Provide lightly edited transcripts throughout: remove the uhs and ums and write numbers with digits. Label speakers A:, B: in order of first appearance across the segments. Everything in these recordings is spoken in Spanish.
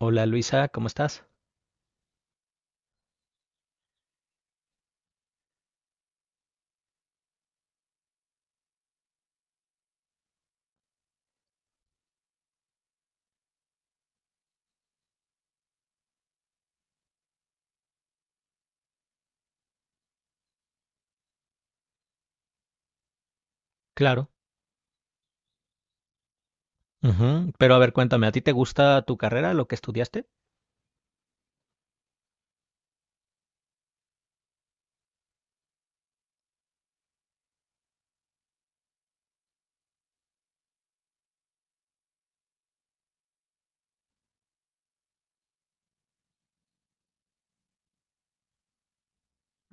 A: Hola Luisa, ¿cómo estás? Claro. Ujú. Pero a ver, cuéntame, ¿a ti te gusta tu carrera, lo que estudiaste?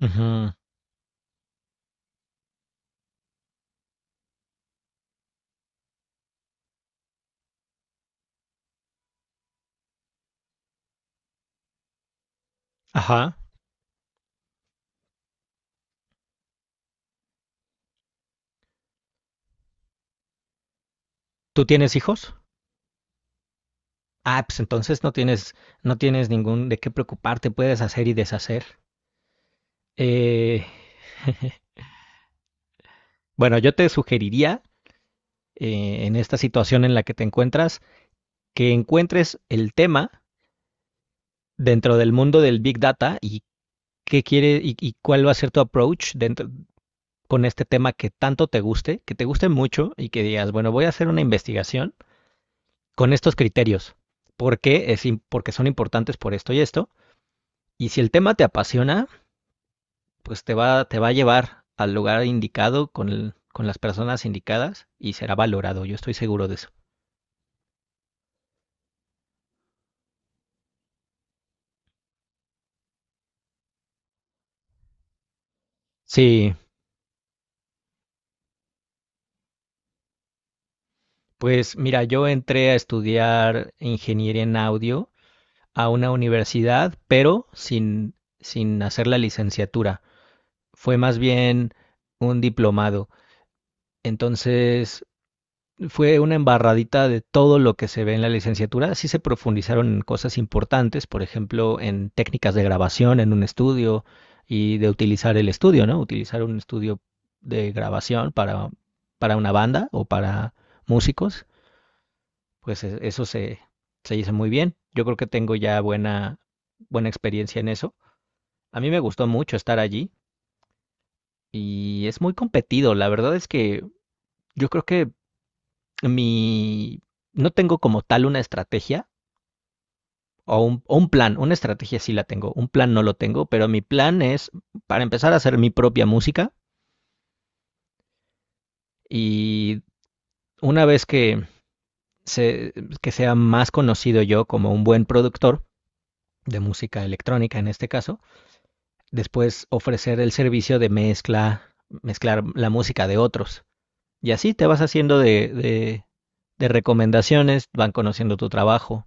A: Ujú. Ajá. ¿Tú tienes hijos? Ah, pues entonces no tienes, no tienes ningún de qué preocuparte, puedes hacer y deshacer. Eh, bueno, yo te sugeriría, en esta situación en la que te encuentras, que encuentres el tema dentro del mundo del Big Data y qué quiere y cuál va a ser tu approach dentro, con este tema que tanto te guste, que te guste mucho y que digas, bueno, voy a hacer una investigación con estos criterios. ¿Por qué? Es porque son importantes por esto y esto. Y si el tema te apasiona, pues te va a llevar al lugar indicado con las personas indicadas y será valorado. Yo estoy seguro de eso. Sí, pues mira, yo entré a estudiar ingeniería en audio a una universidad, pero sin hacer la licenciatura. Fue más bien un diplomado. Entonces, fue una embarradita de todo lo que se ve en la licenciatura. Sí se profundizaron en cosas importantes, por ejemplo, en técnicas de grabación en un estudio y de utilizar el estudio, ¿no? Utilizar un estudio de grabación para una banda o para músicos, pues se hizo muy bien. Yo creo que tengo ya buena experiencia en eso. A mí me gustó mucho estar allí y es muy competido. La verdad es que yo creo que mi... No tengo como tal una estrategia o un plan, una estrategia sí la tengo, un plan no lo tengo, pero mi plan es para empezar a hacer mi propia música y una vez se, que sea más conocido yo como un buen productor de música electrónica en este caso, después ofrecer el servicio de mezcla, mezclar la música de otros. Y así te vas haciendo de recomendaciones, van conociendo tu trabajo.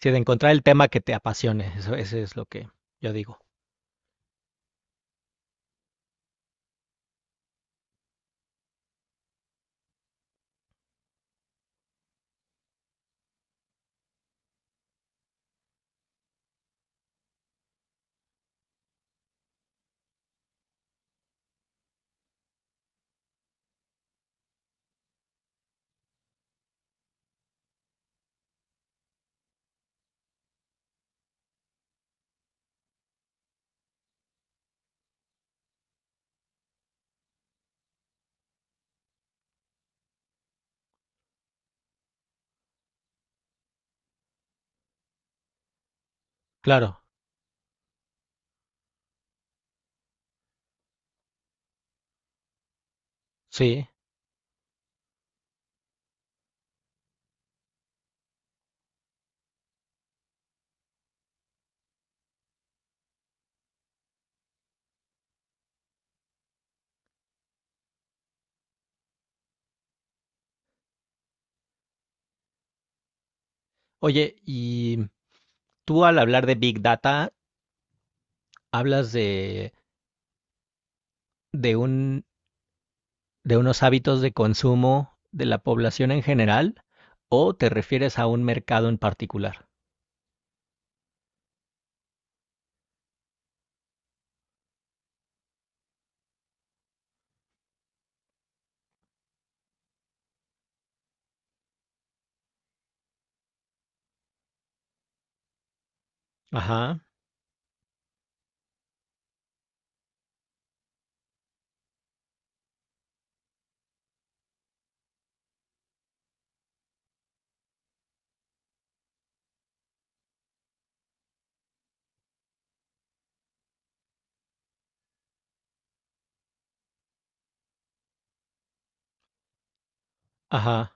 A: Si de encontrar el tema que te apasione, eso es lo que yo digo. Claro, sí. Oye, y tú al hablar de Big Data, hablas de, de un, de unos hábitos de consumo de la población en general o te refieres a un mercado en particular? Ajá, ajá.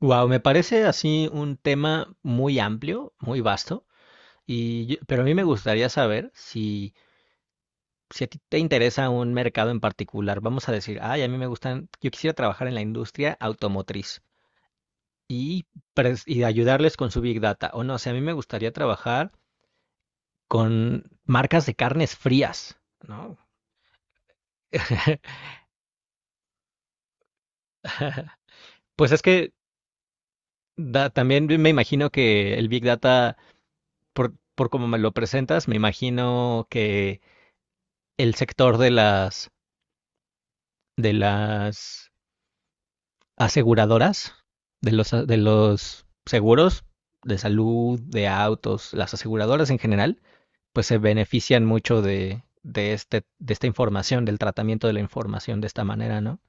A: Wow, me parece así un tema muy amplio, muy vasto, pero a mí me gustaría saber si a ti te interesa un mercado en particular. Vamos a decir, ay, a mí me gustan, yo quisiera trabajar en la industria automotriz. y, y ayudarles con su Big Data. O no, o sea, a mí me gustaría trabajar con marcas de carnes frías, ¿no? Pues es que también me imagino que el Big Data, por como me lo presentas, me imagino que el sector de las aseguradoras, de los seguros de salud, de autos, las aseguradoras en general, pues se benefician mucho de esta información, del tratamiento de la información de esta manera, ¿no?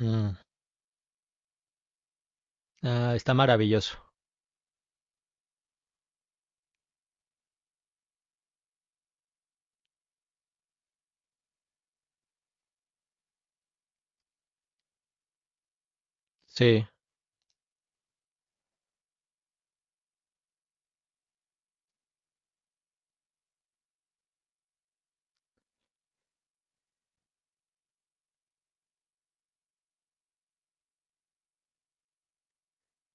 A: Mm. Ah, está maravilloso. Sí,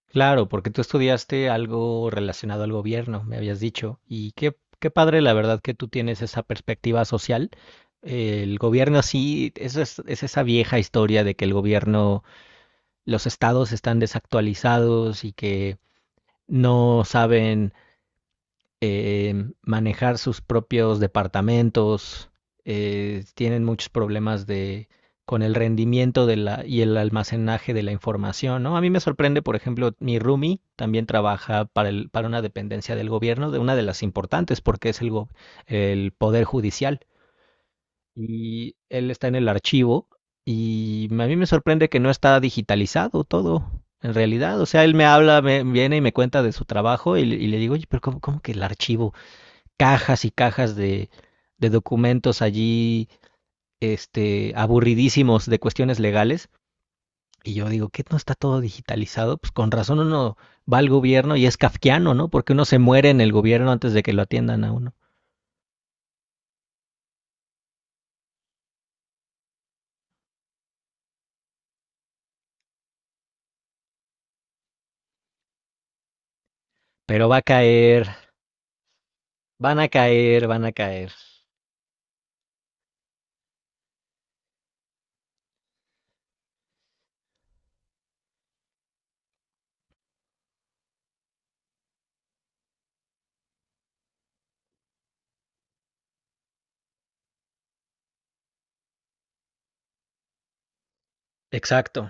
A: claro, porque tú estudiaste algo relacionado al gobierno, me habías dicho. Y qué, qué padre, la verdad, que tú tienes esa perspectiva social. El gobierno sí, es esa vieja historia de que el gobierno, los estados están desactualizados y que no saben manejar sus propios departamentos, tienen muchos problemas con el rendimiento y el almacenaje de la información, ¿no? A mí me sorprende, por ejemplo, mi roomie también trabaja para una dependencia del gobierno, de una de las importantes, porque es el Poder Judicial. Y él está en el archivo y a mí me sorprende que no está digitalizado todo, en realidad. O sea, él me habla, me viene y me cuenta de su trabajo y le digo, oye, pero cómo, ¿cómo, que el archivo? Cajas y cajas de documentos allí, este, aburridísimos de cuestiones legales. Y yo digo, ¿qué no está todo digitalizado? Pues con razón uno va al gobierno y es kafkiano, ¿no? Porque uno se muere en el gobierno antes de que lo atiendan a uno. Pero va a caer, van a caer, van a caer. Exacto,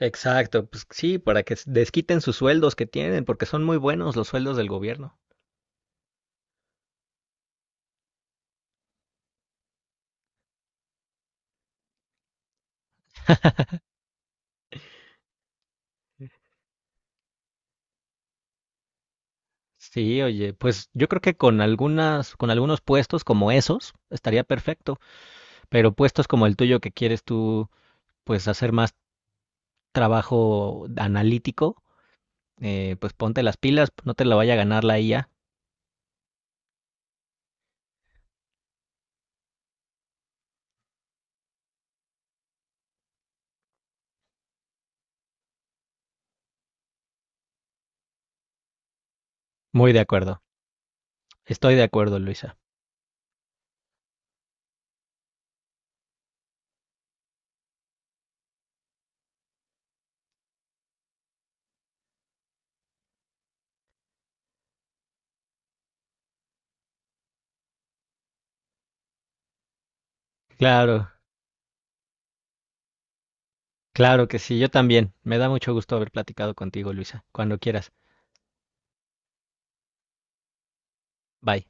A: exacto. Pues sí, para que desquiten sus sueldos que tienen, porque son muy buenos los sueldos del gobierno. Sí, oye, pues yo creo que con algunos puestos como esos, estaría perfecto. Pero puestos como el tuyo que quieres tú, pues hacer más trabajo analítico, pues ponte las pilas, no te la vaya a ganar la IA. Muy de acuerdo. Estoy de acuerdo, Luisa. Claro, claro que sí, yo también. Me da mucho gusto haber platicado contigo, Luisa. Cuando quieras. Bye.